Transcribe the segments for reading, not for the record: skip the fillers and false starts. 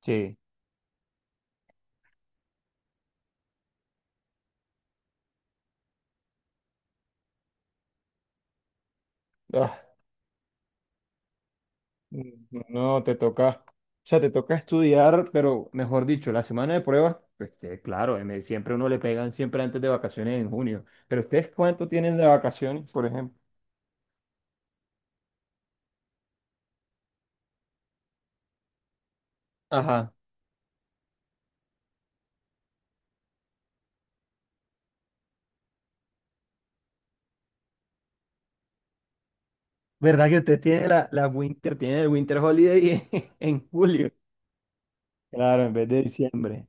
Sí. Ah, no, no, te toca, o sea, te toca estudiar, pero mejor dicho, la semana de pruebas, pues, que, claro, siempre uno le pegan siempre antes de vacaciones en junio. Pero ustedes, ¿cuánto tienen de vacaciones, por ejemplo? Ajá. ¿Verdad que ustedes tienen la Winter, tienen el Winter Holiday en julio? Claro, en vez de diciembre.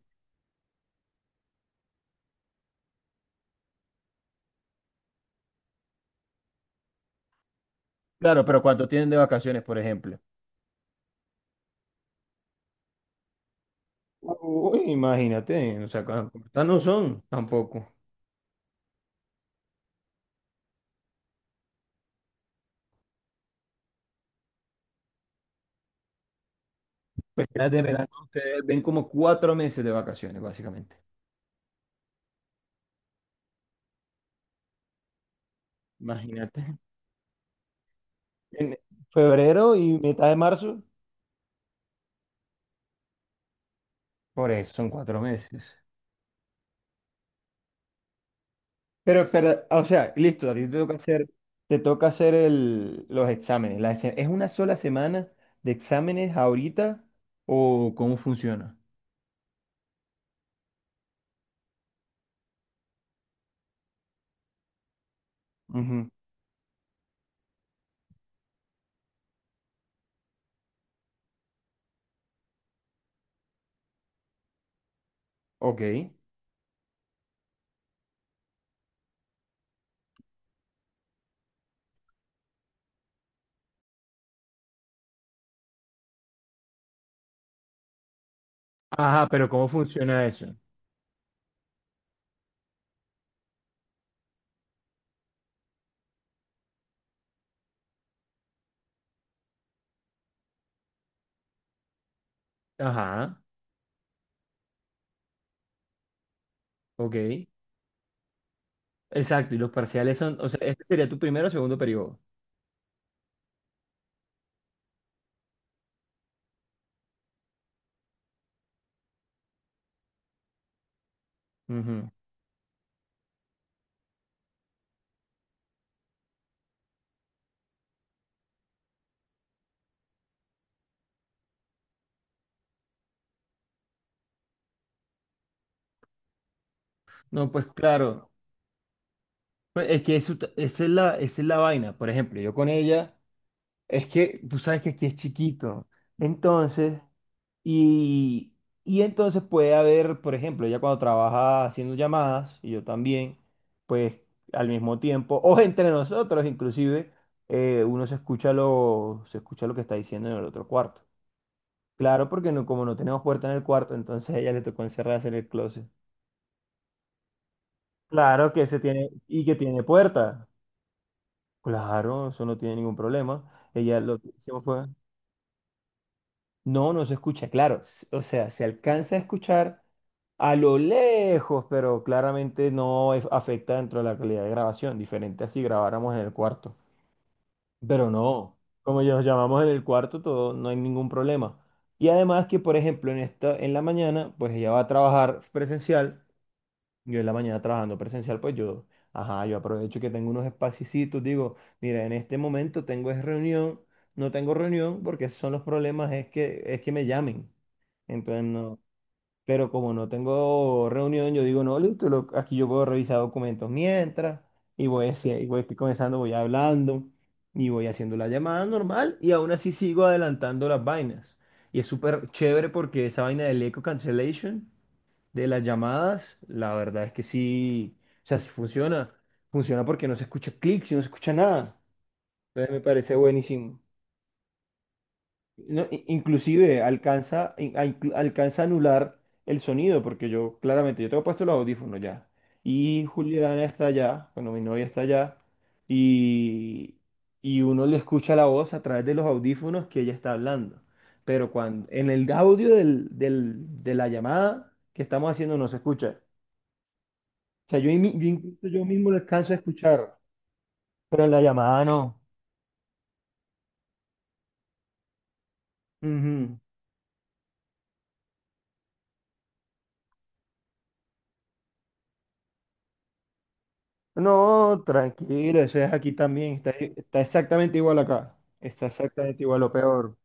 Claro, pero ¿cuánto tienen de vacaciones, por ejemplo? Uy, imagínate, o sea, cuántas no son tampoco. Pues las de verano. Ustedes ven como cuatro meses de vacaciones, básicamente. Imagínate. En febrero y mitad de marzo, por eso son cuatro meses. Pero, o sea, listo, a ti te toca hacer los exámenes. ¿Es una sola semana de exámenes ahorita o cómo funciona? Ujú. Ok. Ajá, ¿pero cómo funciona eso? Ajá, ok. Exacto, y los parciales son, o sea, este sería tu primero o segundo periodo. Ujú. No, pues claro, pues es que eso, esa es la vaina. Por ejemplo, yo con ella. Es que tú sabes que aquí es chiquito. Entonces, y, y entonces puede haber, por ejemplo, ella cuando trabaja haciendo llamadas, y yo también, pues al mismo tiempo, o entre nosotros inclusive, uno se escucha se escucha lo que está diciendo en el otro cuarto. Claro, porque no, como no tenemos puerta en el cuarto, entonces a ella le tocó encerrarse en el closet. Claro que se tiene, y que tiene puerta. Claro, eso no tiene ningún problema. Ella lo que hicimos fue. No, no se escucha, claro. O sea, se alcanza a escuchar a lo lejos, pero claramente no afecta dentro de la calidad de grabación, diferente a si grabáramos en el cuarto. Pero no, como ya nos llamamos en el cuarto, todo, no hay ningún problema. Y además que, por ejemplo, en esta, en la mañana, pues ella va a trabajar presencial, yo en la mañana trabajando presencial, pues yo, ajá, yo aprovecho que tengo unos espacios, digo, mira, en este momento tengo es reunión, no tengo reunión, porque esos son los problemas, es que me llamen. Entonces no, pero como no tengo reunión, yo digo, no, listo, aquí yo puedo revisar documentos mientras, y voy, y voy comenzando, voy hablando, y voy haciendo la llamada normal, y aún así sigo adelantando las vainas. Y es súper chévere porque esa vaina del eco cancellation de las llamadas, la verdad es que sí, o sea, sí funciona. Funciona porque no se escucha clic, si no se escucha nada. Entonces me parece buenísimo. No, inclusive alcanza, alcanza a anular el sonido, porque yo claramente, yo tengo puesto los audífonos ya, y Juliana está allá, bueno, mi novia está allá, y, y uno le escucha la voz a través de los audífonos que ella está hablando. Pero cuando, en el audio de la llamada que estamos haciendo no se escucha. O sea, yo, yo incluso yo mismo lo alcanzo a escuchar, pero en la llamada no. Ujú. No, tranquilo, eso es aquí también, está, está exactamente igual acá, está exactamente igual o peor.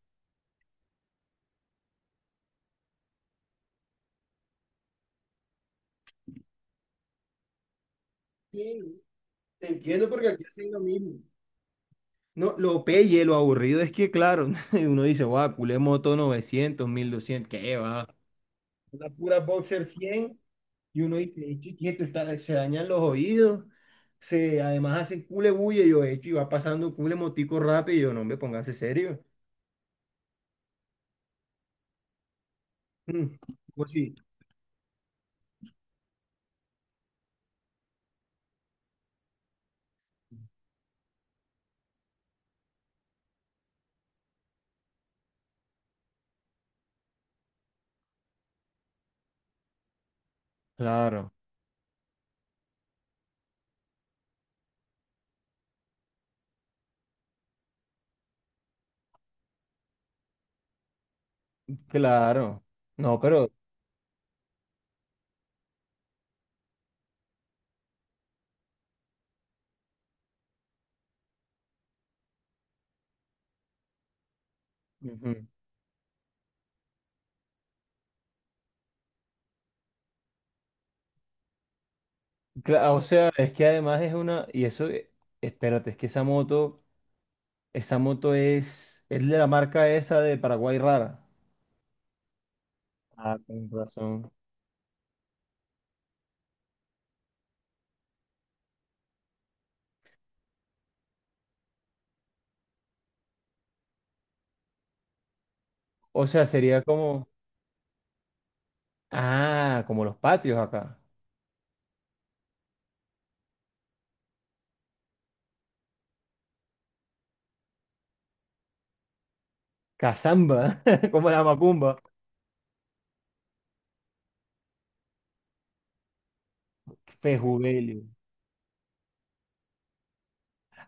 Sí, te entiendo porque aquí hacen lo mismo. No, lo pelle, lo aburrido es que, claro, uno dice, guau, culé moto 900, 1200, ¿qué va? Una pura boxer 100 y uno dice, "Ey, chiquito, se dañan los oídos, se, además hacen cule bulla, y yo, hecho, y va pasando un cule motico rápido, y yo, no me póngase serio. Mm, pues sí. Claro, claro. No, pero ujú. O sea, es que además es una, y eso, espérate, es que esa moto es de la marca esa de Paraguay rara. Ah, con razón. O sea, sería como, ah, como los patios acá. Cazamba, como la macumba. Fejubelio.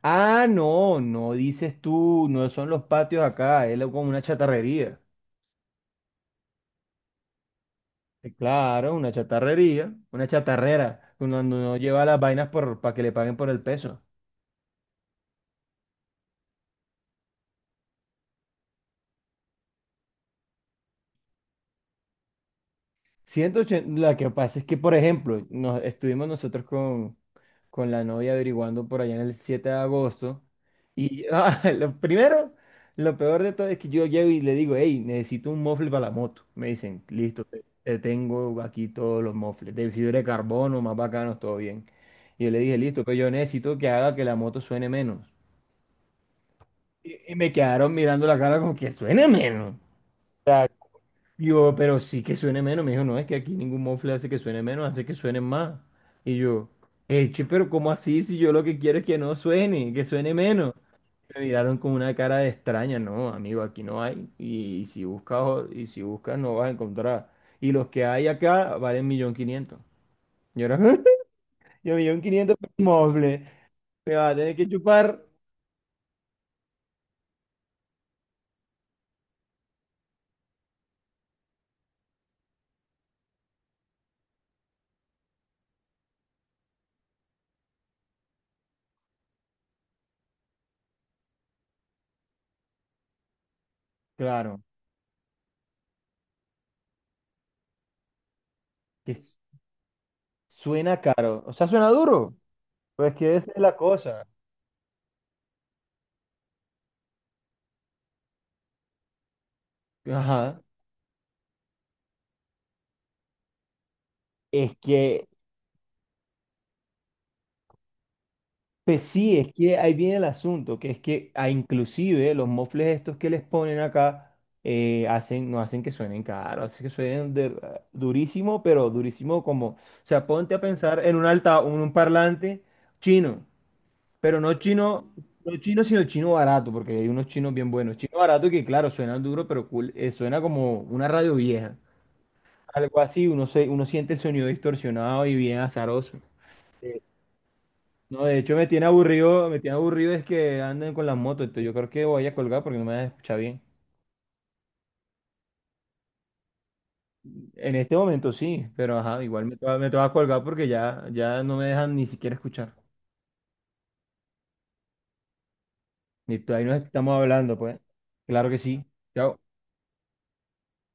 Ah, no, no dices tú, no son los patios acá, como una chatarrería. Claro, una chatarrería, una chatarrera, cuando no lleva las vainas por, para que le paguen por el peso. 180, la que pasa es que, por ejemplo, nos, estuvimos nosotros con la novia averiguando por allá en el 7 de agosto. Y ah, lo primero, lo peor de todo es que yo llego y le digo, hey, necesito un mofle para la moto. Me dicen, listo, te tengo aquí todos los mofles, de fibra de carbono, más bacanos, todo bien. Y yo le dije, listo, pero yo necesito que haga que la moto suene menos. Y me quedaron mirando la cara como que suene menos. Yo, pero sí que suene menos. Me dijo, no, es que aquí ningún mofle hace que suene menos, hace que suene más. Y yo, eche, pero ¿cómo así? Si yo lo que quiero es que no suene, que suene menos. Me miraron con una cara de extraña. No, amigo, aquí no hay. Y, si buscas, y si buscas, no vas a encontrar. Y los que hay acá valen 1.500.000. Yo era, yo 1.500.000 por un mofle. Me va a tener que chupar. Claro, que suena caro. O sea, suena duro. Pues que esa es la cosa. Ajá. Es que pues sí, es que ahí viene el asunto, que es que ah, inclusive los mofles estos que les ponen acá hacen, no hacen que suenen caro, hacen que suenen ah, durísimo, pero durísimo como, o sea, ponte a pensar en un alta, un parlante chino, pero no chino, no chino, sino chino barato, porque hay unos chinos bien buenos, chino barato que claro, suenan duro, pero cool, suena como una radio vieja, algo así, uno, se, uno siente el sonido distorsionado y bien azaroso. No, de hecho me tiene aburrido es que anden con las motos, entonces yo creo que voy a colgar porque no me vas a escuchar bien. En este momento sí, pero ajá, igual me toca colgar porque ya, ya no me dejan ni siquiera escuchar. Listo, ahí nos estamos hablando, pues. Claro que sí. Chao.